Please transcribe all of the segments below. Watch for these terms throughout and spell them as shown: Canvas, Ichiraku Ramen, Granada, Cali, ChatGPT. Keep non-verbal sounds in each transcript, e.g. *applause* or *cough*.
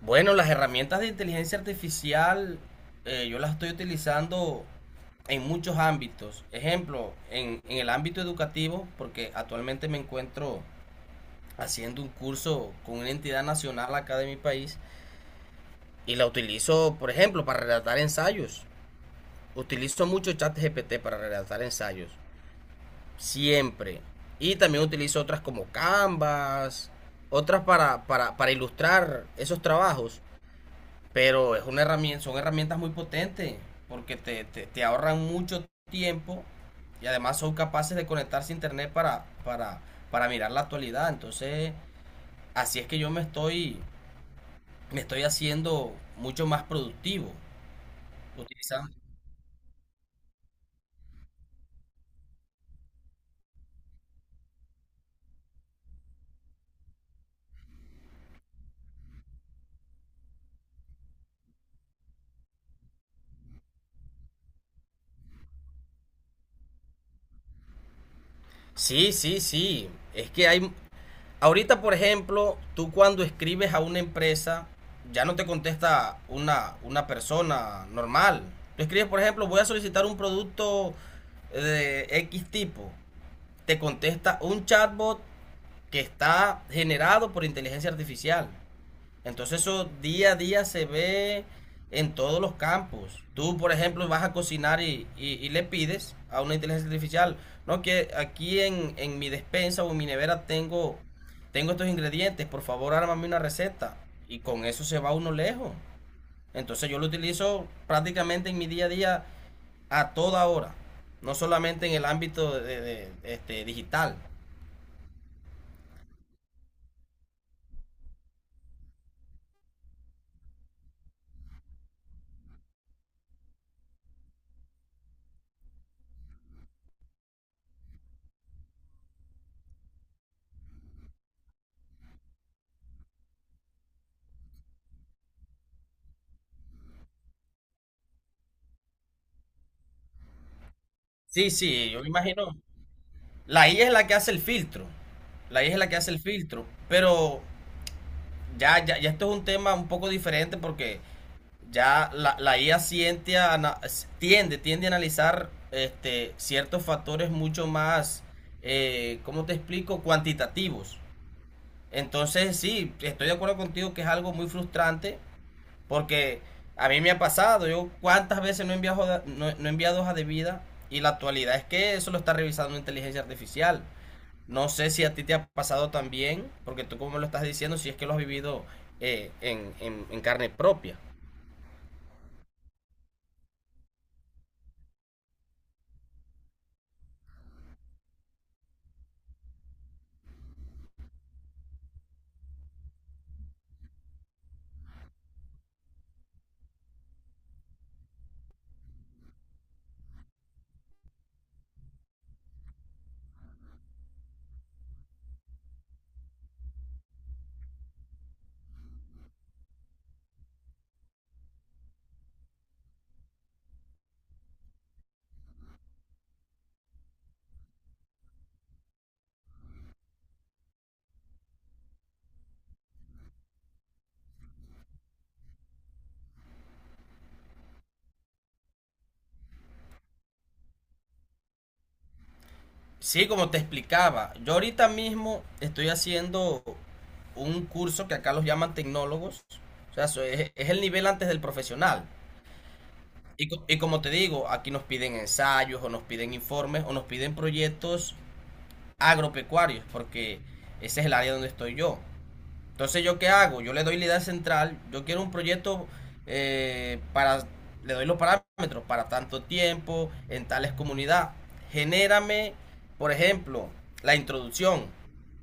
Bueno, las herramientas de inteligencia artificial yo las estoy utilizando en muchos ámbitos. Ejemplo, en el ámbito educativo, porque actualmente me encuentro haciendo un curso con una entidad nacional acá de mi país y la utilizo, por ejemplo, para redactar ensayos. Utilizo mucho ChatGPT para redactar ensayos, siempre. Y también utilizo otras como Canvas, otras para ilustrar esos trabajos. Pero es una herramienta, son herramientas muy potentes porque te ahorran mucho tiempo y además son capaces de conectarse a internet para mirar la actualidad. Entonces, así es que yo me estoy haciendo mucho más productivo utilizando. Sí, sí, sí. Es que hay, Ahorita, por ejemplo, tú cuando escribes a una empresa, ya no te contesta una persona normal. Tú escribes, por ejemplo, voy a solicitar un producto eh, de X tipo. Te contesta un chatbot que está generado por inteligencia artificial. Entonces eso día a día se ve en todos los campos. Tú, por ejemplo, vas a cocinar y le pides a una inteligencia artificial, no que aquí en mi despensa o en mi nevera tengo estos ingredientes, por favor, ármame una receta. Y con eso se va uno lejos. Entonces yo lo utilizo prácticamente en mi día a día a toda hora, no solamente en el ámbito digital. Sí, sí, yo me imagino. La IA es la que hace el filtro. La IA es la que hace el filtro. Pero ya, ya, ya esto es un tema un poco diferente porque ya la IA tiende a analizar ciertos factores mucho más, ¿cómo te explico? Cuantitativos. Entonces, sí, estoy de acuerdo contigo que es algo muy frustrante porque a mí me ha pasado. Yo cuántas veces no he enviado, no, no he enviado hojas de vida y la actualidad es que eso lo está revisando inteligencia artificial. No sé si a ti te ha pasado también, porque tú como lo estás diciendo, si es que lo has vivido en carne propia. Sí, como te explicaba, yo ahorita mismo estoy haciendo un curso que acá los llaman tecnólogos. O sea, es el nivel antes del profesional. Y como te digo, aquí nos piden ensayos o nos piden informes o nos piden proyectos agropecuarios, porque ese es el área donde estoy yo. Entonces, ¿yo qué hago? Yo le doy la idea central, yo quiero un proyecto eh, para, le doy los parámetros, para tanto tiempo, en tales comunidades. Genérame, por ejemplo, la introducción,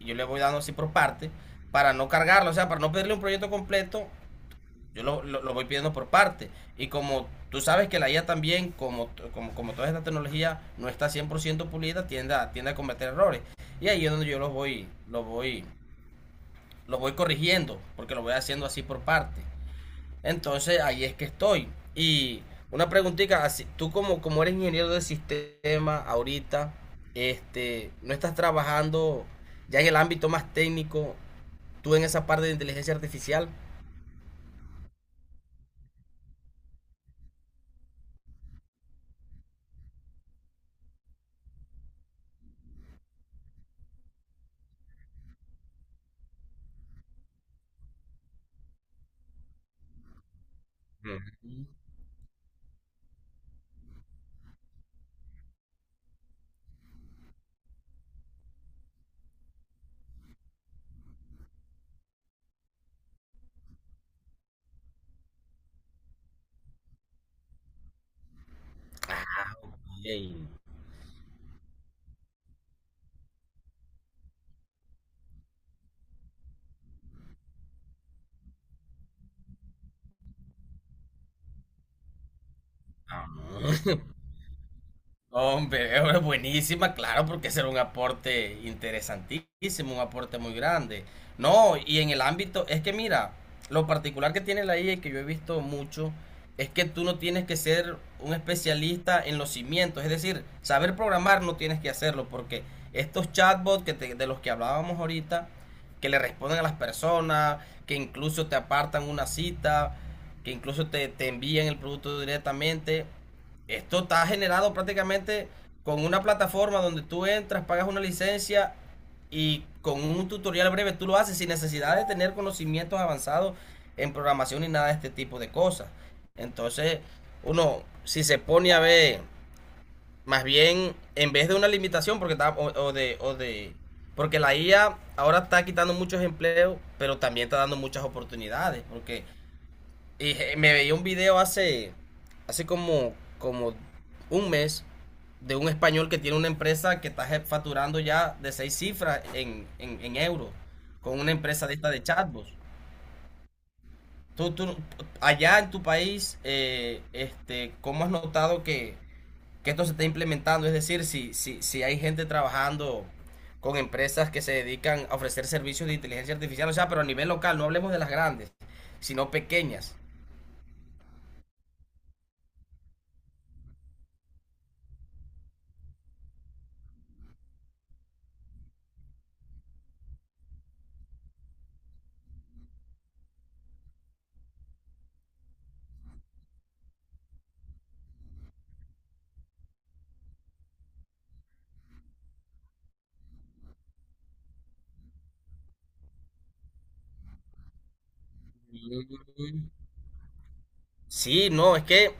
y yo le voy dando así por parte, para no cargarlo, o sea, para no pedirle un proyecto completo, yo lo voy pidiendo por parte. Y como tú sabes que la IA también, como toda esta tecnología no está 100% pulida, tiende a cometer errores. Y ahí es donde yo los voy lo voy corrigiendo, porque lo voy haciendo así por parte. Entonces ahí es que estoy. Y una preguntita, así, tú como eres ingeniero de sistema ahorita, no estás trabajando ya en el ámbito más técnico, tú en esa parte de inteligencia artificial. Ey, no. No, hombre, *laughs* es buenísima, claro, porque será un aporte interesantísimo, un aporte muy grande. No, y en el ámbito, es que mira, lo particular que tiene la IA y que yo he visto mucho, es que tú no tienes que ser un especialista en los cimientos, es decir, saber programar no tienes que hacerlo, porque estos chatbots de los que hablábamos ahorita, que le responden a las personas, que incluso te apartan una cita, que incluso te envían el producto directamente. Esto está generado prácticamente con una plataforma donde tú entras, pagas una licencia y con un tutorial breve tú lo haces sin necesidad de tener conocimientos avanzados en programación ni nada de este tipo de cosas. Entonces, uno, si se pone a ver, más bien, en vez de una limitación, porque está, o de, porque la IA ahora está quitando muchos empleos, pero también está dando muchas oportunidades, porque y me veía un video hace como un mes de un español que tiene una empresa que está facturando ya de seis cifras en euros con una empresa de esta de chatbots. Tú, allá en tu país, ¿cómo has notado que esto se está implementando? Es decir, si hay gente trabajando con empresas que se dedican a ofrecer servicios de inteligencia artificial, o sea, pero a nivel local, no hablemos de las grandes, sino pequeñas. Sí, no, es que,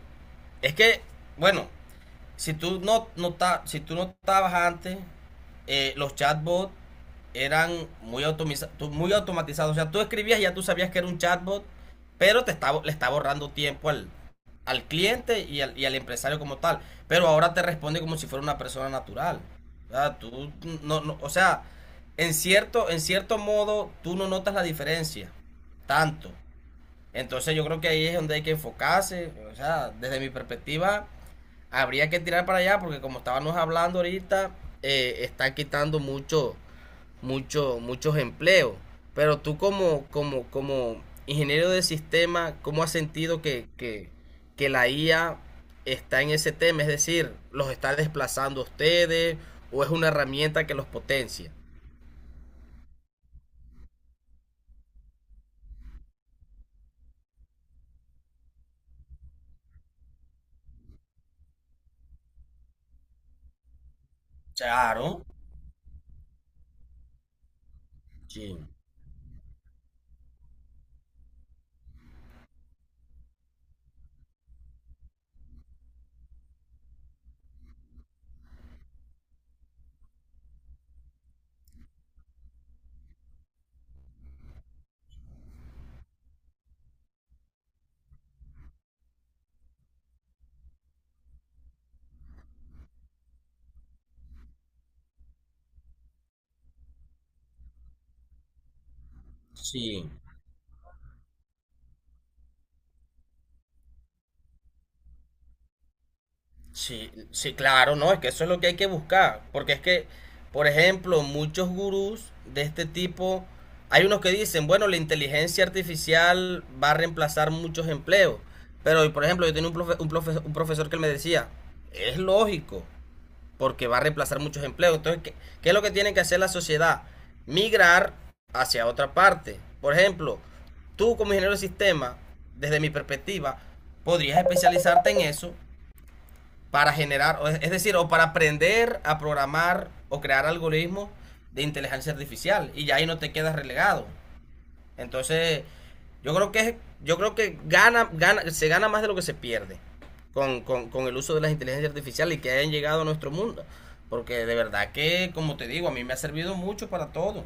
es que, bueno, si tú no estabas antes, los chatbots eran muy automatizados. O sea, tú escribías y ya tú sabías que era un chatbot, pero le está borrando tiempo al cliente y al empresario como tal. Pero ahora te responde como si fuera una persona natural. O sea, tú o sea, en cierto modo, tú no notas la diferencia tanto. Entonces yo creo que ahí es donde hay que enfocarse. O sea, desde mi perspectiva, habría que tirar para allá porque como estábamos hablando ahorita, están quitando muchos empleos. Pero tú como ingeniero de sistema, ¿cómo has sentido que la IA está en ese tema? Es decir, ¿los está desplazando a ustedes o es una herramienta que los potencia? Claro, sí, sí. Sí, sí, claro, no, es que eso es lo que hay que buscar, porque es que, por ejemplo, muchos gurús de este tipo, hay unos que dicen, bueno, la inteligencia artificial va a reemplazar muchos empleos, pero, por ejemplo, yo tenía un profesor que él me decía, es lógico, porque va a reemplazar muchos empleos, entonces, ¿qué es lo que tiene que hacer la sociedad? Migrar hacia otra parte. Por ejemplo, tú como ingeniero de sistema, desde mi perspectiva, podrías especializarte en eso para generar, o es decir, o para aprender a programar o crear algoritmos de inteligencia artificial y ya ahí no te quedas relegado. Entonces, yo creo que yo creo que se gana más de lo que se pierde con el uso de las inteligencias artificiales y que hayan llegado a nuestro mundo. Porque de verdad que, como te digo, a mí me ha servido mucho para todo.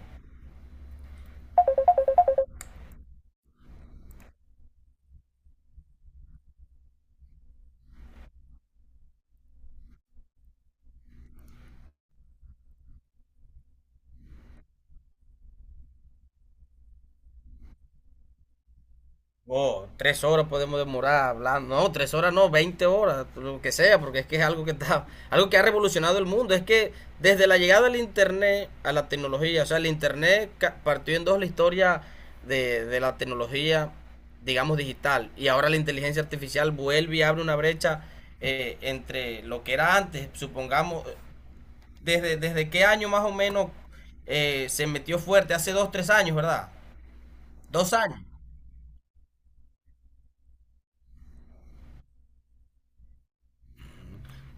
Oh, 3 horas podemos demorar hablando. No, 3 horas no, 20 horas, lo que sea, porque es que es algo que ha revolucionado el mundo. Es que desde la llegada del Internet a la tecnología, o sea, el Internet partió en dos la historia de la tecnología, digamos, digital. Y ahora la inteligencia artificial vuelve y abre una brecha entre lo que era antes, supongamos, desde qué año más o menos se metió fuerte, hace 2, 3 años, ¿verdad? 2 años.